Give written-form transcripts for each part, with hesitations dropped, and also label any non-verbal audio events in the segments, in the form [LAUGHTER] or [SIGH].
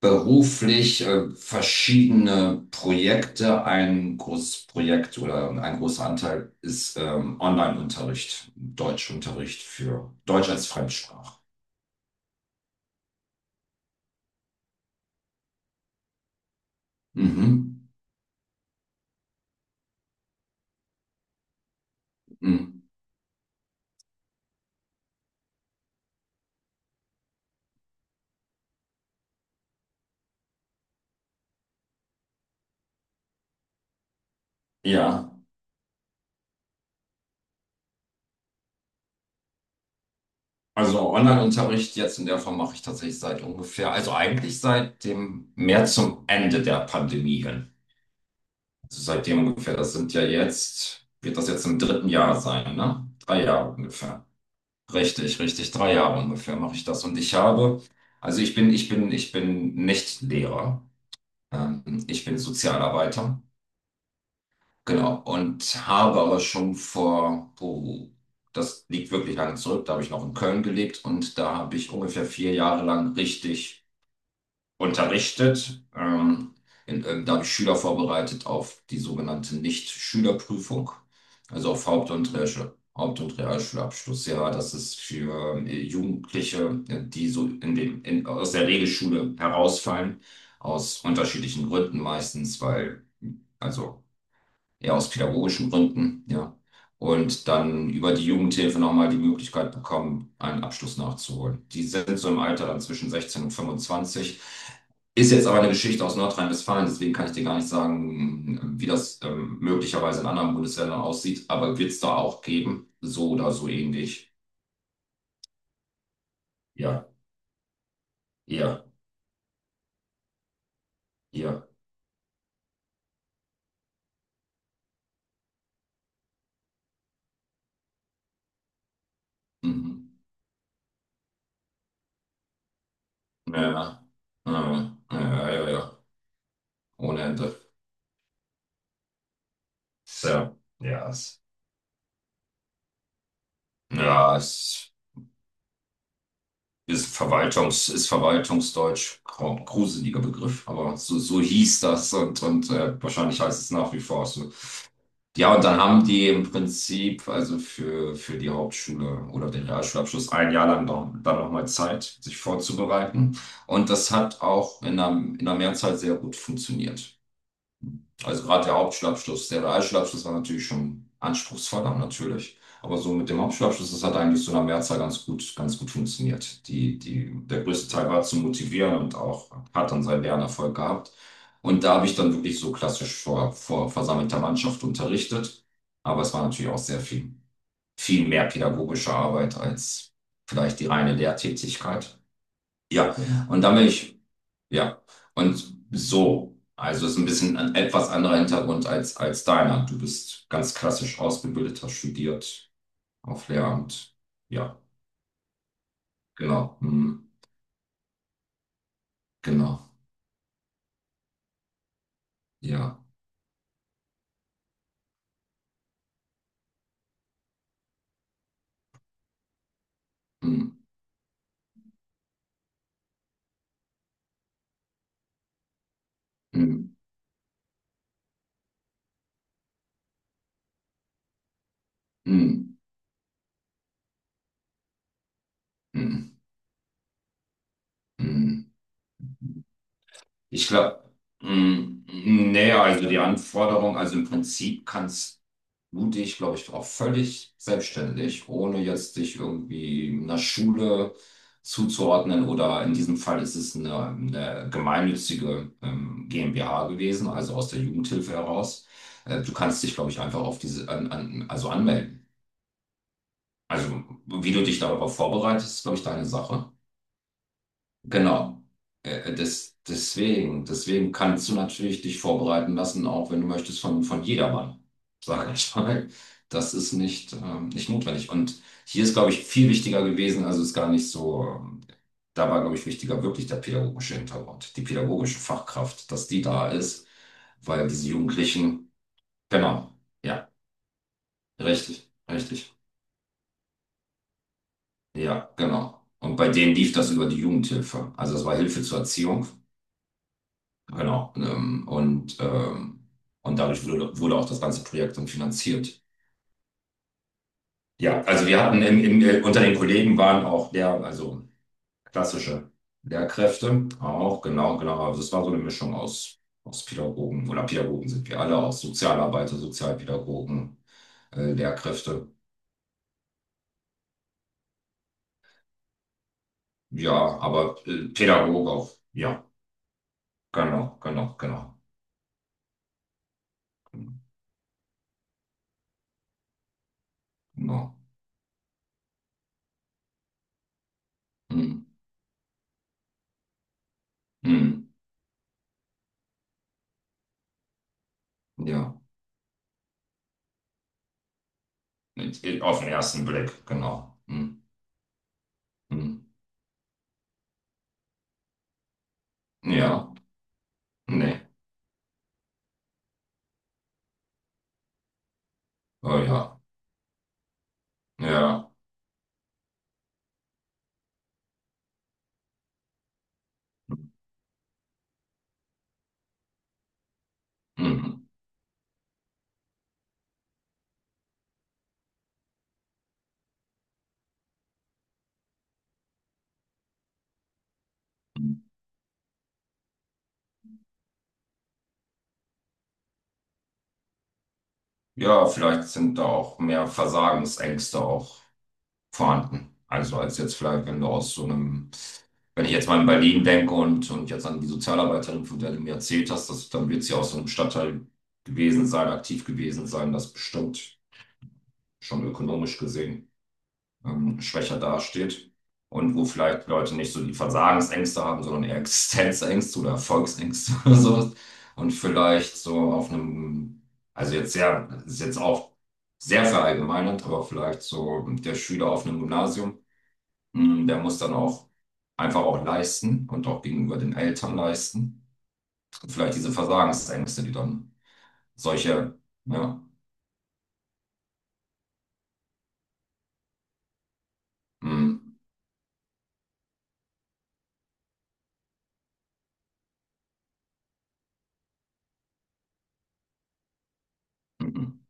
Beruflich verschiedene Projekte. Ein großes Projekt oder ein großer Anteil ist Online-Unterricht, Deutschunterricht für Deutsch als Fremdsprache. Mhm. Mhm. Ja, also Online-Unterricht jetzt in der Form mache ich tatsächlich seit ungefähr, also eigentlich seit dem mehr zum Ende der Pandemie hin. Also seitdem ungefähr, das sind ja jetzt, wird das jetzt im dritten Jahr sein, ne? Drei Jahre ungefähr. Richtig, richtig. Drei Jahre ungefähr mache ich das. Und also ich bin nicht Lehrer. Ich bin Sozialarbeiter. Genau. Und habe aber schon vor, oh, das liegt wirklich lange zurück. Da habe ich noch in Köln gelebt und da habe ich ungefähr vier Jahre lang richtig unterrichtet. Da habe ich Schüler vorbereitet auf die sogenannte Nicht-Schülerprüfung, also auf Haupt- und Realschulabschlussjahr. Das ist für Jugendliche, die so aus der Regelschule herausfallen, aus unterschiedlichen Gründen meistens, weil also ja, aus pädagogischen Gründen, ja. Und dann über die Jugendhilfe nochmal die Möglichkeit bekommen, einen Abschluss nachzuholen. Die sind so im Alter dann zwischen 16 und 25. Ist jetzt aber eine Geschichte aus Nordrhein-Westfalen, deswegen kann ich dir gar nicht sagen, wie das möglicherweise in anderen Bundesländern aussieht, aber wird es da auch geben, so oder so ähnlich. Ja, ja, ja. Mhm. Ja, ja, ja, ja, ja, ja. Ohne Ende. So, ja, es, ja, es. Ist Verwaltungsdeutsch, gruseliger Begriff, aber so, so hieß das und, und wahrscheinlich heißt es nach wie vor so. Ja, und dann haben die im Prinzip also für die Hauptschule oder den Realschulabschluss ein Jahr lang noch, dann nochmal Zeit, sich vorzubereiten. Und das hat auch in der Mehrzahl sehr gut funktioniert. Also gerade der Hauptschulabschluss, der Realschulabschluss war natürlich schon anspruchsvoller natürlich. Aber so mit dem Hauptschulabschluss, das hat eigentlich so in der Mehrzahl ganz gut funktioniert. Der größte Teil war zu motivieren und auch hat dann seinen Lernerfolg gehabt. Und da habe ich dann wirklich so klassisch vor versammelter Mannschaft unterrichtet. Aber es war natürlich auch viel mehr pädagogische Arbeit als vielleicht die reine Lehrtätigkeit. Ja, und dann bin ich ja, und so, also ist ein bisschen ein etwas anderer Hintergrund als deiner. Du bist ganz klassisch ausgebildet, hast studiert auf Lehramt. Ja, genau, hm, genau, ja. Hm, hm, hm, hm, hm. Ich glaube, hm, nee, also die Anforderung, also im Prinzip kannst mutig, glaube ich, auch völlig selbstständig, ohne jetzt sich irgendwie einer Schule zuzuordnen oder in diesem Fall ist es eine gemeinnützige GmbH gewesen, also aus der Jugendhilfe heraus. Du kannst dich, glaube ich, einfach auf diese, also anmelden. Also wie du dich darauf vorbereitest, ist, glaube ich, deine Sache. Genau. Deswegen kannst du natürlich dich vorbereiten lassen, auch wenn du möchtest, von jedermann, [LAUGHS] sage ich mal. Das ist nicht, nicht notwendig. Und hier ist, glaube ich, viel wichtiger gewesen, also ist gar nicht so, da war, glaube ich, wichtiger wirklich der pädagogische Hintergrund, die pädagogische Fachkraft, dass die da ist, weil diese Jugendlichen, genau, ja, richtig, richtig, ja, genau. Und bei denen lief das über die Jugendhilfe. Also das war Hilfe zur Erziehung. Genau. Und dadurch wurde auch das ganze Projekt dann finanziert. Ja, also wir hatten unter den Kollegen waren auch also klassische Lehrkräfte, auch genau, genau. Also es war so eine Mischung aus, aus Pädagogen oder Pädagogen sind wir alle, auch Sozialarbeiter, Sozialpädagogen, Lehrkräfte. Ja, aber Pädagoge auch. Ja, genau, genau, genau. Genau. Hm, hm, ja, auf den ersten Blick, genau. Hm, hm. Ja, nee, oh ja, ja, mhm. Ja, vielleicht sind da auch mehr Versagensängste auch vorhanden. Also als jetzt vielleicht, wenn du aus so einem, wenn ich jetzt mal in Berlin denke und jetzt an die Sozialarbeiterin, von der du mir erzählt hast, dass, dann wird sie aus so einem Stadtteil gewesen sein, aktiv gewesen sein, das bestimmt schon ökonomisch gesehen schwächer dasteht und wo vielleicht Leute nicht so die Versagensängste haben, sondern eher Existenzängste oder Erfolgsängste [LAUGHS] oder sowas. Und vielleicht so auf einem, also jetzt sehr, ist jetzt auch sehr verallgemeinert, aber vielleicht so der Schüler auf einem Gymnasium, mh, der muss dann auch einfach auch leisten und auch gegenüber den Eltern leisten. Und vielleicht diese Versagensängste, die dann solche, ja, mh, mh,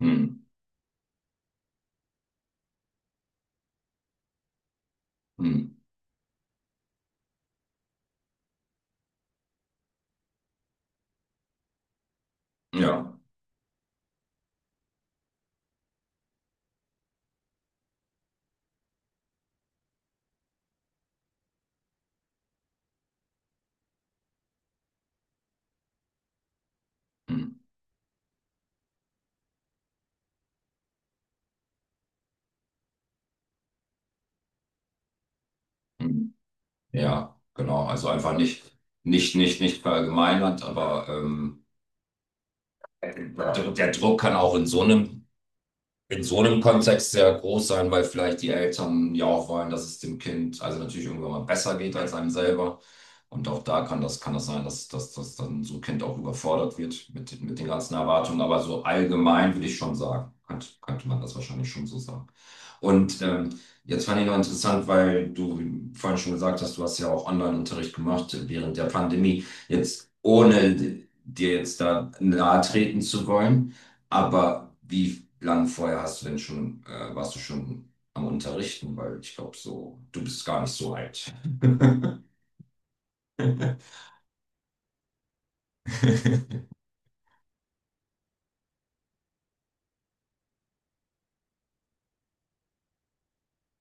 mh, mh, ja, mh, mh. Ja, genau. Also einfach nicht, nicht verallgemeinert, aber der, der Druck kann auch in so einem Kontext sehr groß sein, weil vielleicht die Eltern ja auch wollen, dass es dem Kind also natürlich irgendwann mal besser geht als einem selber. Und auch da kann kann das sein, dass dann so ein Kind auch überfordert wird mit den ganzen Erwartungen. Aber so allgemein würde ich schon sagen, könnte man das wahrscheinlich schon so sagen. Und jetzt fand ich noch interessant, weil du vorhin schon gesagt hast, du hast ja auch Online-Unterricht gemacht während der Pandemie. Jetzt ohne dir jetzt da nahe treten zu wollen. Aber wie lang vorher hast du denn schon, warst du schon am Unterrichten? Weil ich glaube, so, du bist gar nicht so alt. [LAUGHS]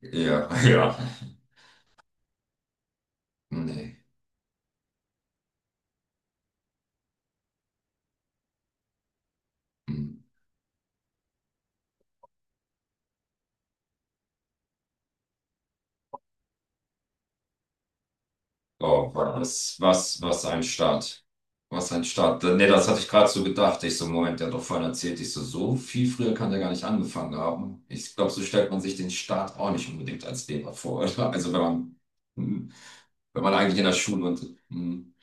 Ja, ja. Nee. Hm. Oh, was ein Start. Was ein Start. Nee, das hatte ich gerade so gedacht. Ich so, Moment, der hat doch vorhin erzählt, ich so, so viel früher kann der gar nicht angefangen haben. Ich glaube, so stellt man sich den Start auch nicht unbedingt als Lehrer vor, oder? Also wenn man, hm, wenn man eigentlich in der Schule und, hm,